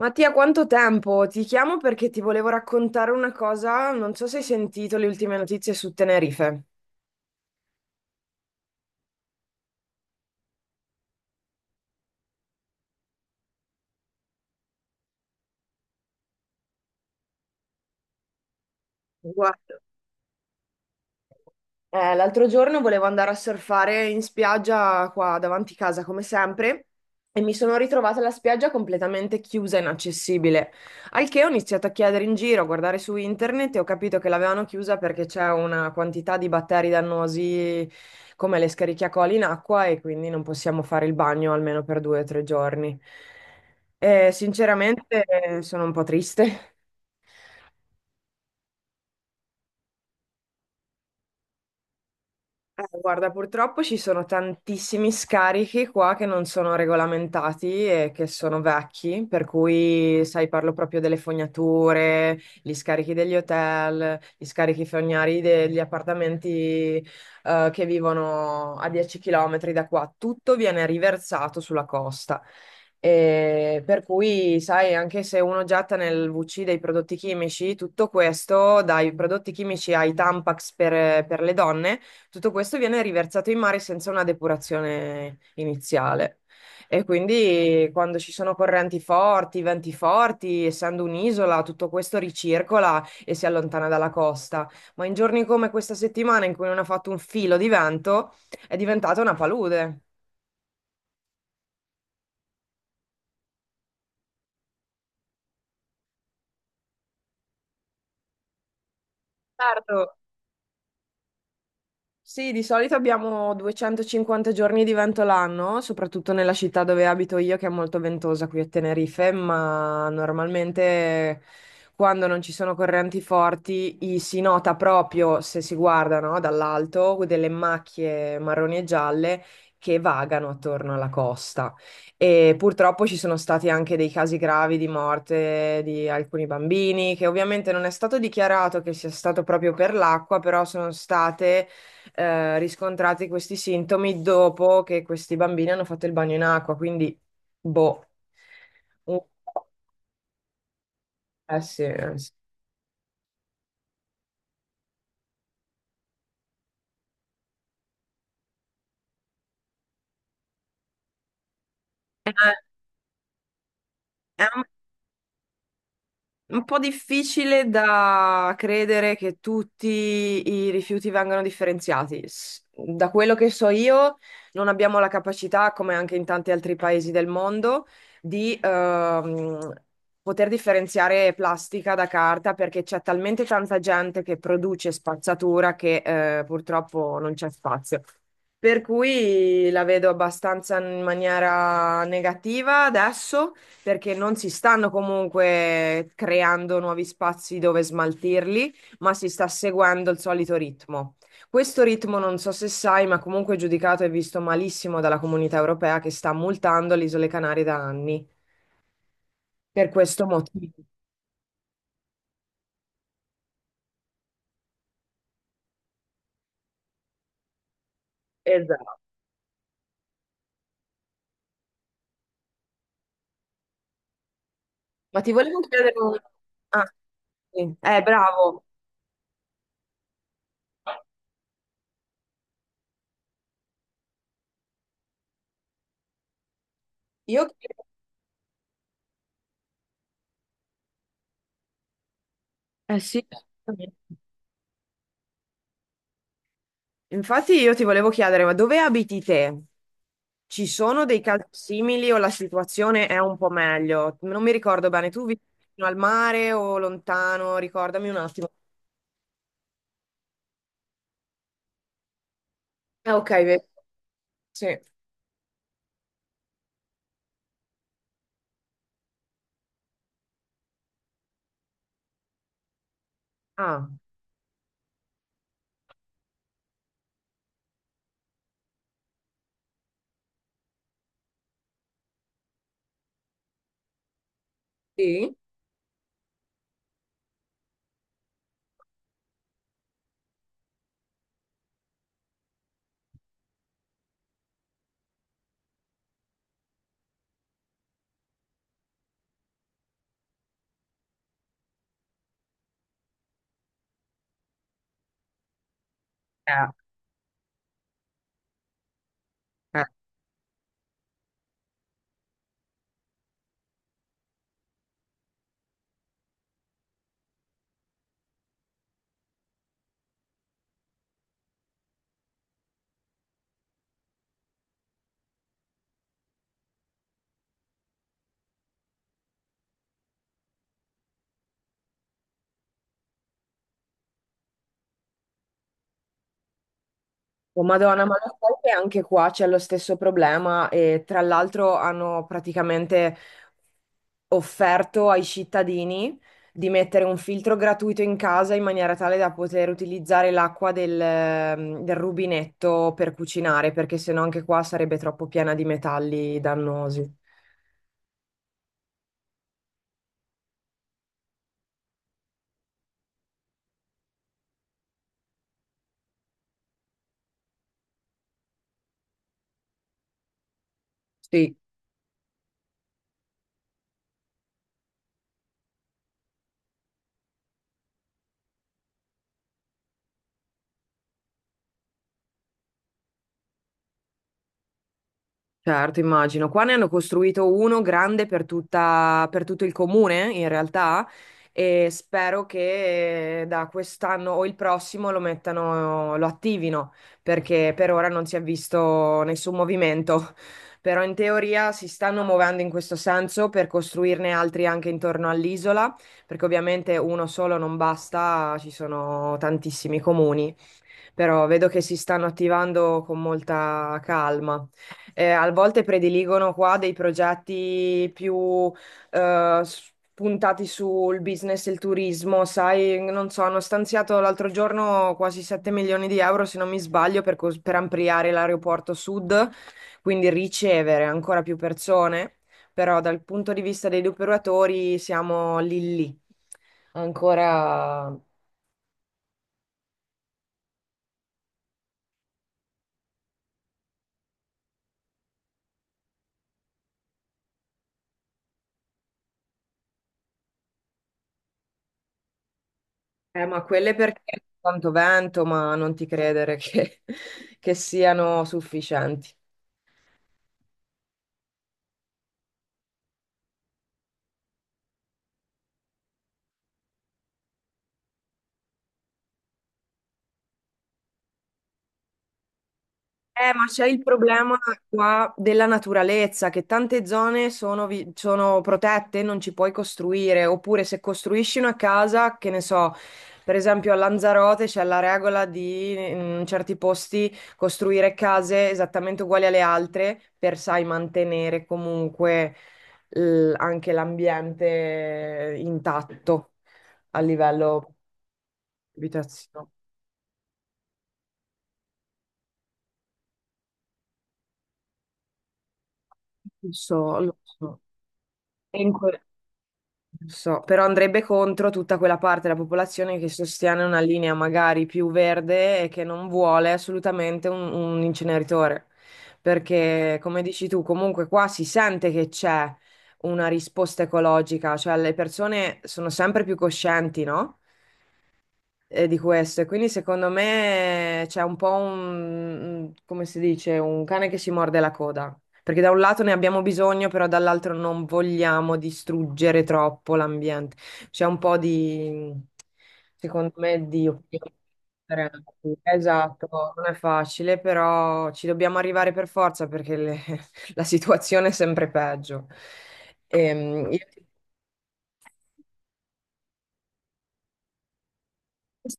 Mattia, quanto tempo? Ti chiamo perché ti volevo raccontare una cosa, non so se hai sentito le ultime notizie su Tenerife. Guarda. L'altro giorno volevo andare a surfare in spiaggia qua davanti casa, come sempre, e mi sono ritrovata la spiaggia completamente chiusa e inaccessibile. Al che ho iniziato a chiedere in giro, a guardare su internet e ho capito che l'avevano chiusa perché c'è una quantità di batteri dannosi come le Escherichia coli in acqua e quindi non possiamo fare il bagno almeno per 2 o 3 giorni. E sinceramente sono un po' triste. Guarda, purtroppo ci sono tantissimi scarichi qua che non sono regolamentati e che sono vecchi, per cui, sai, parlo proprio delle fognature, gli scarichi degli hotel, gli scarichi fognari degli appartamenti, che vivono a 10 km da qua. Tutto viene riversato sulla costa. E per cui, sai, anche se uno getta nel VC dei prodotti chimici, tutto questo, dai prodotti chimici ai Tampax per le donne, tutto questo viene riversato in mare senza una depurazione iniziale. E quindi quando ci sono correnti forti, venti forti, essendo un'isola, tutto questo ricircola e si allontana dalla costa. Ma in giorni come questa settimana in cui non ha fatto un filo di vento, è diventata una palude. Certo, sì, di solito abbiamo 250 giorni di vento l'anno, soprattutto nella città dove abito io, che è molto ventosa qui a Tenerife, ma normalmente quando non ci sono correnti forti si nota proprio, se si guarda, no, dall'alto, delle macchie marroni e gialle che vagano attorno alla costa. E purtroppo ci sono stati anche dei casi gravi di morte di alcuni bambini, che ovviamente non è stato dichiarato che sia stato proprio per l'acqua, però sono state riscontrati questi sintomi dopo che questi bambini hanno fatto il bagno in acqua, quindi boh. Un po'. Eh sì, eh sì. Eh, è un po' difficile da credere che tutti i rifiuti vengano differenziati. Da quello che so io, non abbiamo la capacità, come anche in tanti altri paesi del mondo, di poter differenziare plastica da carta perché c'è talmente tanta gente che produce spazzatura che purtroppo non c'è spazio. Per cui la vedo abbastanza in maniera negativa adesso perché non si stanno comunque creando nuovi spazi dove smaltirli, ma si sta seguendo il solito ritmo. Questo ritmo non so se sai, ma comunque è giudicato e visto malissimo dalla Comunità Europea che sta multando le Isole Canarie da anni per questo motivo. Esatto. Ma ti volevo chiedere un... Ah, sì. Bravo. Io... Eh sì. Infatti io ti volevo chiedere, ma dove abiti te? Ci sono dei casi simili o la situazione è un po' meglio? Non mi ricordo bene, tu vivi vicino al mare o lontano? Ricordami un attimo. Ah, ok, vedi. Sì. Ah, sì? Sì. Eh, eh. Oh, Madonna, ma lo sai che anche qua c'è lo stesso problema e tra l'altro hanno praticamente offerto ai cittadini di mettere un filtro gratuito in casa in maniera tale da poter utilizzare l'acqua del rubinetto per cucinare, perché sennò anche qua sarebbe troppo piena di metalli dannosi. Sì. Certo, immagino. Qua ne hanno costruito uno grande per tutto il comune, in realtà, e spero che da quest'anno o il prossimo lo mettano, lo attivino, perché per ora non si è visto nessun movimento. Però in teoria si stanno muovendo in questo senso per costruirne altri anche intorno all'isola, perché ovviamente uno solo non basta, ci sono tantissimi comuni, però vedo che si stanno attivando con molta calma. A volte prediligono qua dei progetti più puntati sul business e il turismo, sai, non so, hanno stanziato l'altro giorno quasi 7 milioni di euro, se non mi sbaglio, per ampliare l'aeroporto sud, quindi ricevere ancora più persone, però dal punto di vista degli operatori siamo lì lì. Ancora. Ma quelle perché tanto vento, ma non ti credere che, che siano sufficienti. Ma c'è il problema qua della naturalezza, che tante zone sono, sono protette, non ci puoi costruire, oppure se costruisci una casa, che ne so, per esempio a Lanzarote c'è la regola di in certi posti costruire case esattamente uguali alle altre per, sai, mantenere comunque anche l'ambiente intatto a livello abitazionale. Lo so, lo so. E in que- Non so, però andrebbe contro tutta quella parte della popolazione che sostiene una linea magari più verde e che non vuole assolutamente un inceneritore. Perché, come dici tu, comunque qua si sente che c'è una risposta ecologica, cioè le persone sono sempre più coscienti, no? Di questo. E quindi secondo me c'è un po' un, come si dice, un cane che si morde la coda. Perché da un lato ne abbiamo bisogno, però dall'altro non vogliamo distruggere troppo l'ambiente. C'è un po' di, secondo me, di opinione. Esatto, non è facile, però ci dobbiamo arrivare per forza perché la situazione è sempre peggio. Ehm, io-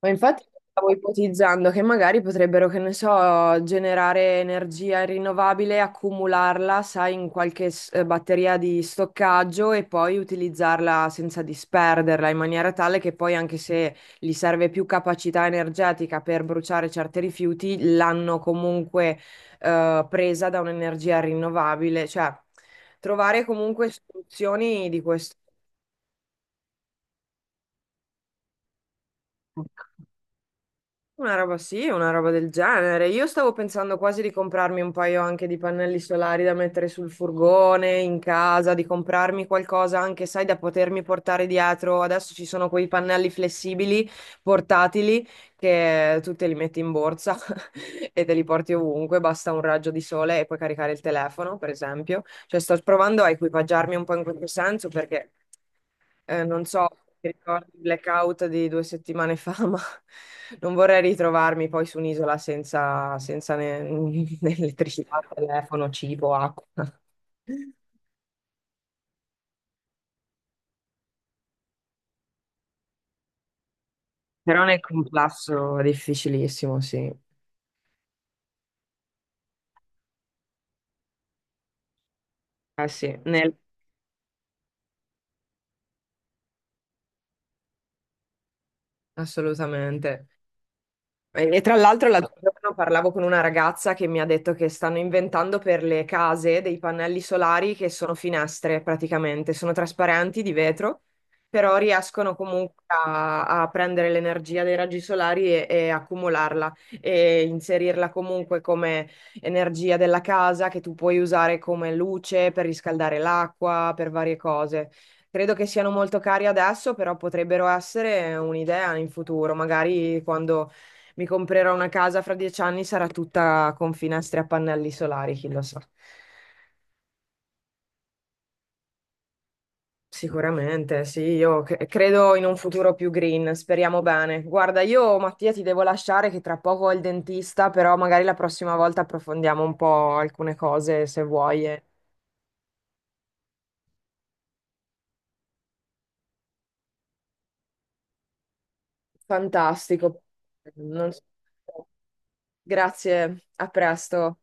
Ma infatti stavo ipotizzando che magari potrebbero, che ne so, generare energia rinnovabile, accumularla, sai, in qualche batteria di stoccaggio e poi utilizzarla senza disperderla, in maniera tale che poi anche se gli serve più capacità energetica per bruciare certi rifiuti, l'hanno comunque presa da un'energia rinnovabile, cioè trovare comunque soluzioni di questo. Una roba sì, una roba del genere. Io stavo pensando quasi di comprarmi un paio anche di pannelli solari da mettere sul furgone, in casa, di comprarmi qualcosa anche, sai, da potermi portare dietro. Adesso ci sono quei pannelli flessibili, portatili, che tu te li metti in borsa e te li porti ovunque, basta un raggio di sole e puoi caricare il telefono, per esempio. Cioè, sto provando a equipaggiarmi un po' in questo senso perché... non so, ti ricordi il blackout di 2 settimane fa, ma non vorrei ritrovarmi poi su un'isola senza, né elettricità, telefono, cibo, acqua. Però nel complesso è difficilissimo, sì. Eh sì, assolutamente. E tra l'altro l'altro giorno parlavo con una ragazza che mi ha detto che stanno inventando per le case dei pannelli solari che sono finestre praticamente, sono trasparenti di vetro, però riescono comunque a prendere l'energia dei raggi solari e accumularla e inserirla comunque come energia della casa che tu puoi usare come luce per riscaldare l'acqua, per varie cose. Credo che siano molto cari adesso, però potrebbero essere un'idea in futuro, magari quando mi comprerò una casa fra 10 anni, sarà tutta con finestre a pannelli solari, chi lo sa. Sicuramente, sì, io credo in un futuro più green, speriamo bene. Guarda, io Mattia ti devo lasciare che tra poco ho il dentista, però magari la prossima volta approfondiamo un po' alcune cose se vuoi. Fantastico. Non so. Grazie, a presto.